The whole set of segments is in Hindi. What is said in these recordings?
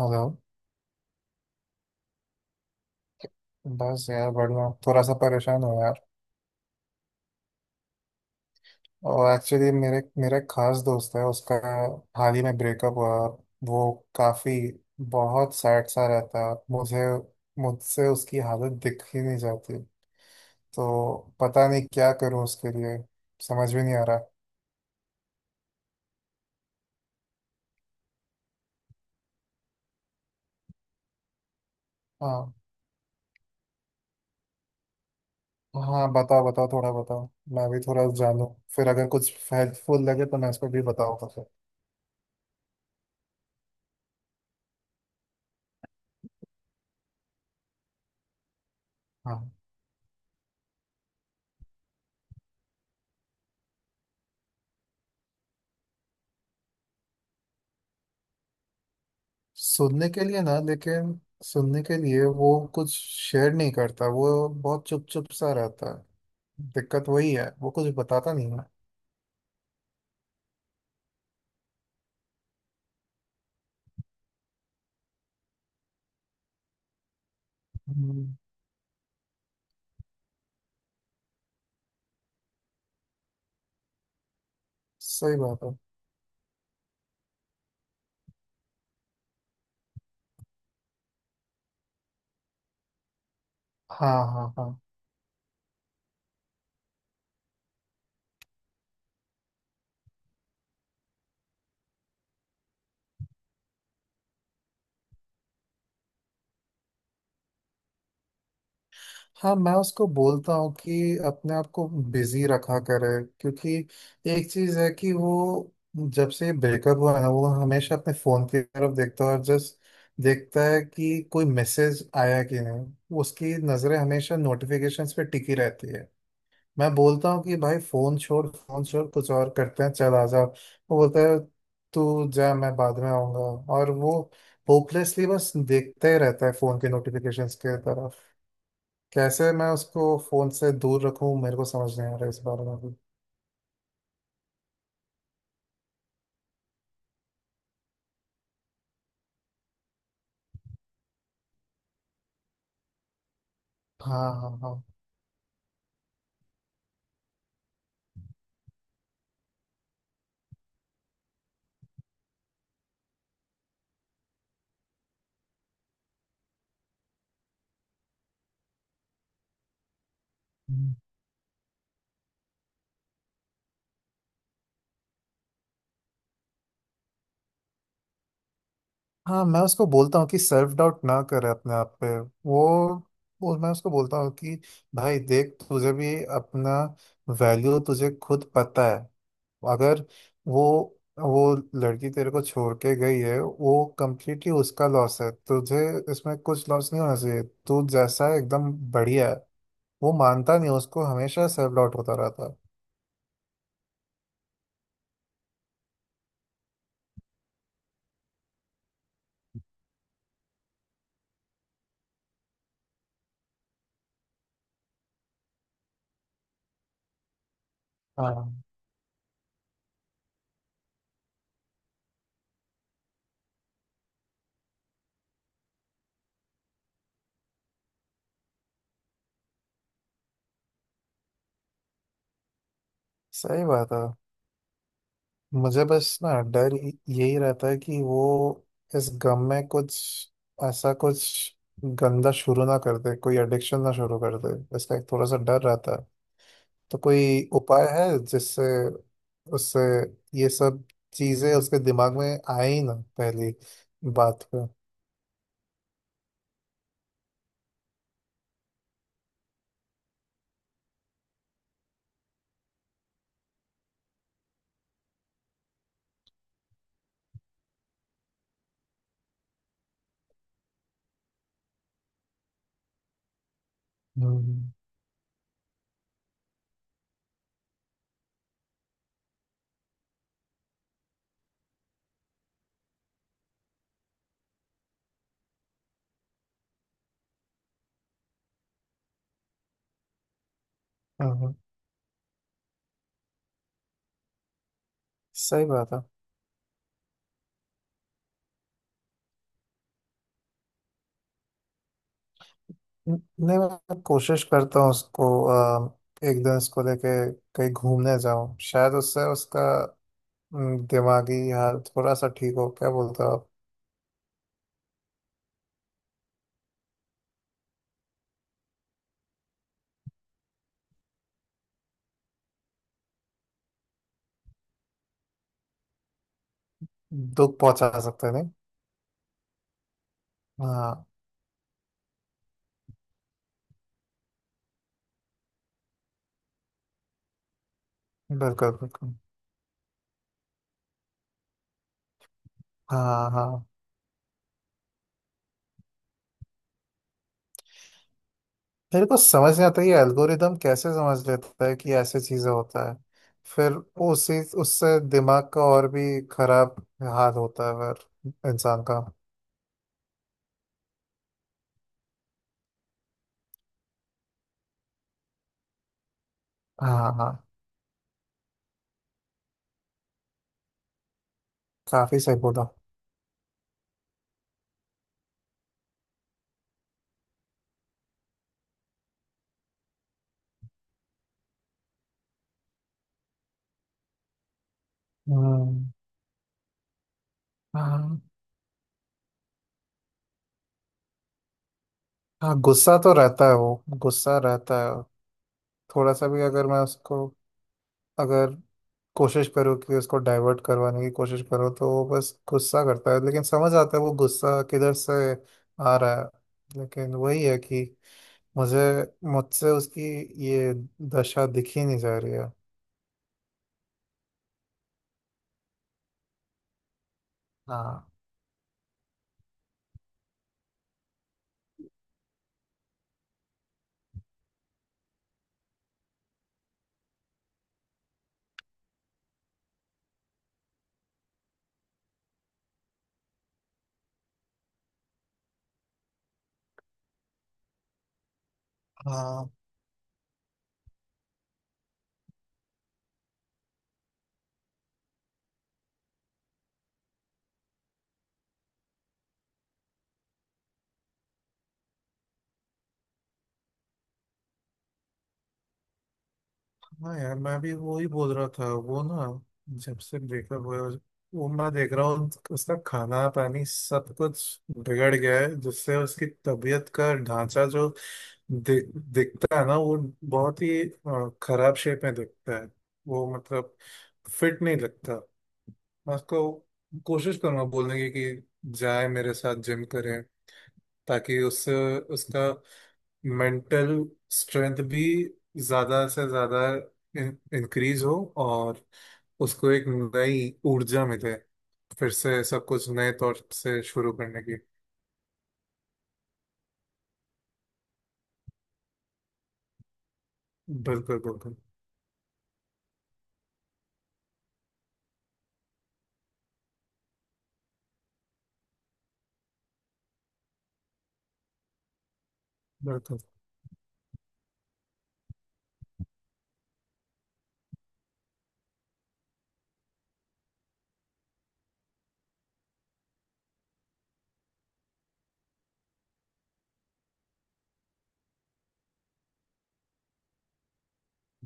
हेलो। बस यार बढ़िया, थोड़ा सा परेशान हूँ यार। और एक्चुअली मेरे मेरा एक खास दोस्त है, उसका हाल ही में ब्रेकअप हुआ। और वो काफ़ी, बहुत सैड सा रहता है। मुझे, मुझसे उसकी हालत दिख ही नहीं जाती। तो पता नहीं क्या करूँ उसके लिए, समझ भी नहीं आ रहा। हाँ, हाँ, बताओ बताओ, थोड़ा बताओ, मैं भी थोड़ा जानूँ। फिर अगर कुछ हेल्पफुल लगे तो मैं इसको भी बताऊँगा फिर। हाँ। सुनने के लिए ना, लेकिन सुनने के लिए वो कुछ शेयर नहीं करता। वो बहुत चुप चुप सा रहता है। दिक्कत वही है, वो कुछ बताता नहीं है। हम्म, सही बात है। हाँ, हाँ, हाँ। हाँ, मैं उसको बोलता हूँ कि अपने आप को बिजी रखा करे। क्योंकि एक चीज़ है कि वो, जब से ब्रेकअप हुआ है ना, वो हमेशा अपने फ़ोन की तरफ देखता है। और जस्ट देखता है कि कोई मैसेज आया कि नहीं। उसकी नज़रें हमेशा नोटिफिकेशंस पे टिकी रहती है। मैं बोलता हूँ कि भाई फोन छोड़, फोन छोड़, कुछ और करते हैं, चल आ जाओ। वो बोलता है, तू जा, मैं बाद में आऊंगा। और वो होपलेसली बस देखता ही रहता है फोन के नोटिफिकेशंस के तरफ। कैसे मैं उसको फोन से दूर रखूं, मेरे को समझ नहीं आ रहा है इस बारे में भी। हाँ, हाँ, हाँ। हम्म। हाँ, मैं उसको बोलता हूँ कि सेल्फ डाउट ना करे अपने आप पे। वो वो मैं उसको बोलता हूँ कि भाई देख, तुझे भी अपना वैल्यू तुझे खुद पता है। अगर वो वो लड़की तेरे को छोड़ के गई है, वो कंप्लीटली उसका लॉस है। तुझे इसमें कुछ लॉस नहीं होना चाहिए। तू जैसा है, एकदम बढ़िया है। वो मानता नहीं, उसको हमेशा सेल्फ डाउट होता रहता है। हाँ, सही बात है। मुझे बस ना डर यही रहता है कि वो इस गम में कुछ ऐसा कुछ गंदा शुरू ना कर दे, कोई एडिक्शन ना शुरू कर दे, इसका एक थोड़ा सा डर रहता है। तो कोई उपाय है जिससे उससे ये सब चीजें उसके दिमाग में आए ही ना पहली बात पे। हम्म। हम्म, सही बात है। न- नहीं, मैं कोशिश करता हूँ उसको, एक दिन उसको लेके कहीं घूमने जाऊँ, शायद उससे उसका, दिमागी हाल थोड़ा सा ठीक हो। क्या बोलते हो आप? दुख पहुंचा सकते हैं नहीं? हाँ। बिल्कुल बिल्कुल। हाँ, हाँ। मेरे को समझ नहीं आता ये एल्गोरिदम कैसे समझ लेता है कि ऐसे चीजें होता है। फिर वो उसी, उससे दिमाग का और भी खराब हाल होता है फिर इंसान का। हाँ, हाँ, काफी सही बोला। हम्म। हाँ। हाँ, गुस्सा तो रहता है, वो गुस्सा रहता है। थोड़ा सा भी अगर मैं उसको, अगर कोशिश करूँ कि उसको डाइवर्ट करवाने की कोशिश करूँ, तो वो बस गुस्सा करता है। लेकिन समझ आता है वो गुस्सा किधर से आ रहा है। लेकिन वही है कि मुझे, मुझसे उसकी ये दशा दिख ही नहीं जा रही है। हाँ, हाँ। हाँ यार, मैं भी वो ही बोल रहा था वो ना, जब से ब्रेकअप हुआ है, वो मैं देख रहा हूँ, उसका खाना पानी सब कुछ बिगड़ गया है। जिससे उसकी तबीयत का ढांचा जो दिखता है ना, वो बहुत ही खराब शेप में दिखता है। वो मतलब फिट नहीं लगता। मैं उसको कोशिश करूंगा बोलने की कि जाए मेरे साथ जिम करे, ताकि उससे उसका मेंटल स्ट्रेंथ भी ज्यादा से ज्यादा इंक्रीज हो, और उसको एक नई ऊर्जा मिले फिर से सब कुछ नए तौर से शुरू करने की। बिल्कुल बिल्कुल बिल्कुल।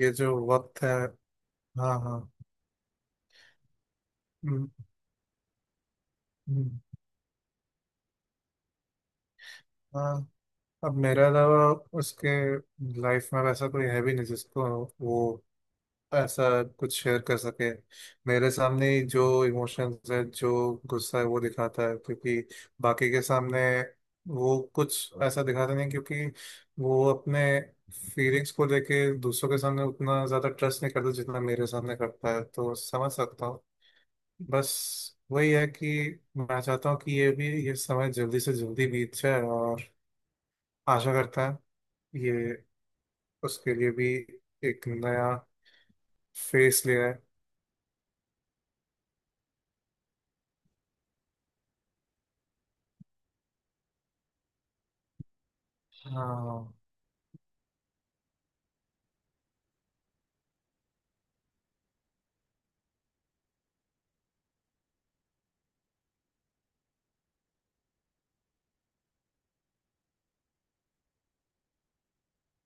ये जो वक्त है। हाँ, हाँ। हम्म, हम्म, हाँ। अब मेरे अलावा उसके लाइफ में वैसा कोई है भी नहीं जिसको वो ऐसा कुछ शेयर कर सके। मेरे सामने ही जो इमोशंस है, जो गुस्सा है वो दिखाता है, क्योंकि बाकी के सामने वो कुछ ऐसा दिखाता नहीं। क्योंकि वो अपने फीलिंग्स को लेके दूसरों के सामने उतना ज़्यादा ट्रस्ट नहीं करता जितना मेरे सामने करता है, तो समझ सकता हूँ। बस वही है कि मैं चाहता हूँ कि ये भी, ये समय जल्दी से जल्दी बीत जाए, और आशा करता है ये उसके लिए भी एक नया फेस ले आए। हाँ।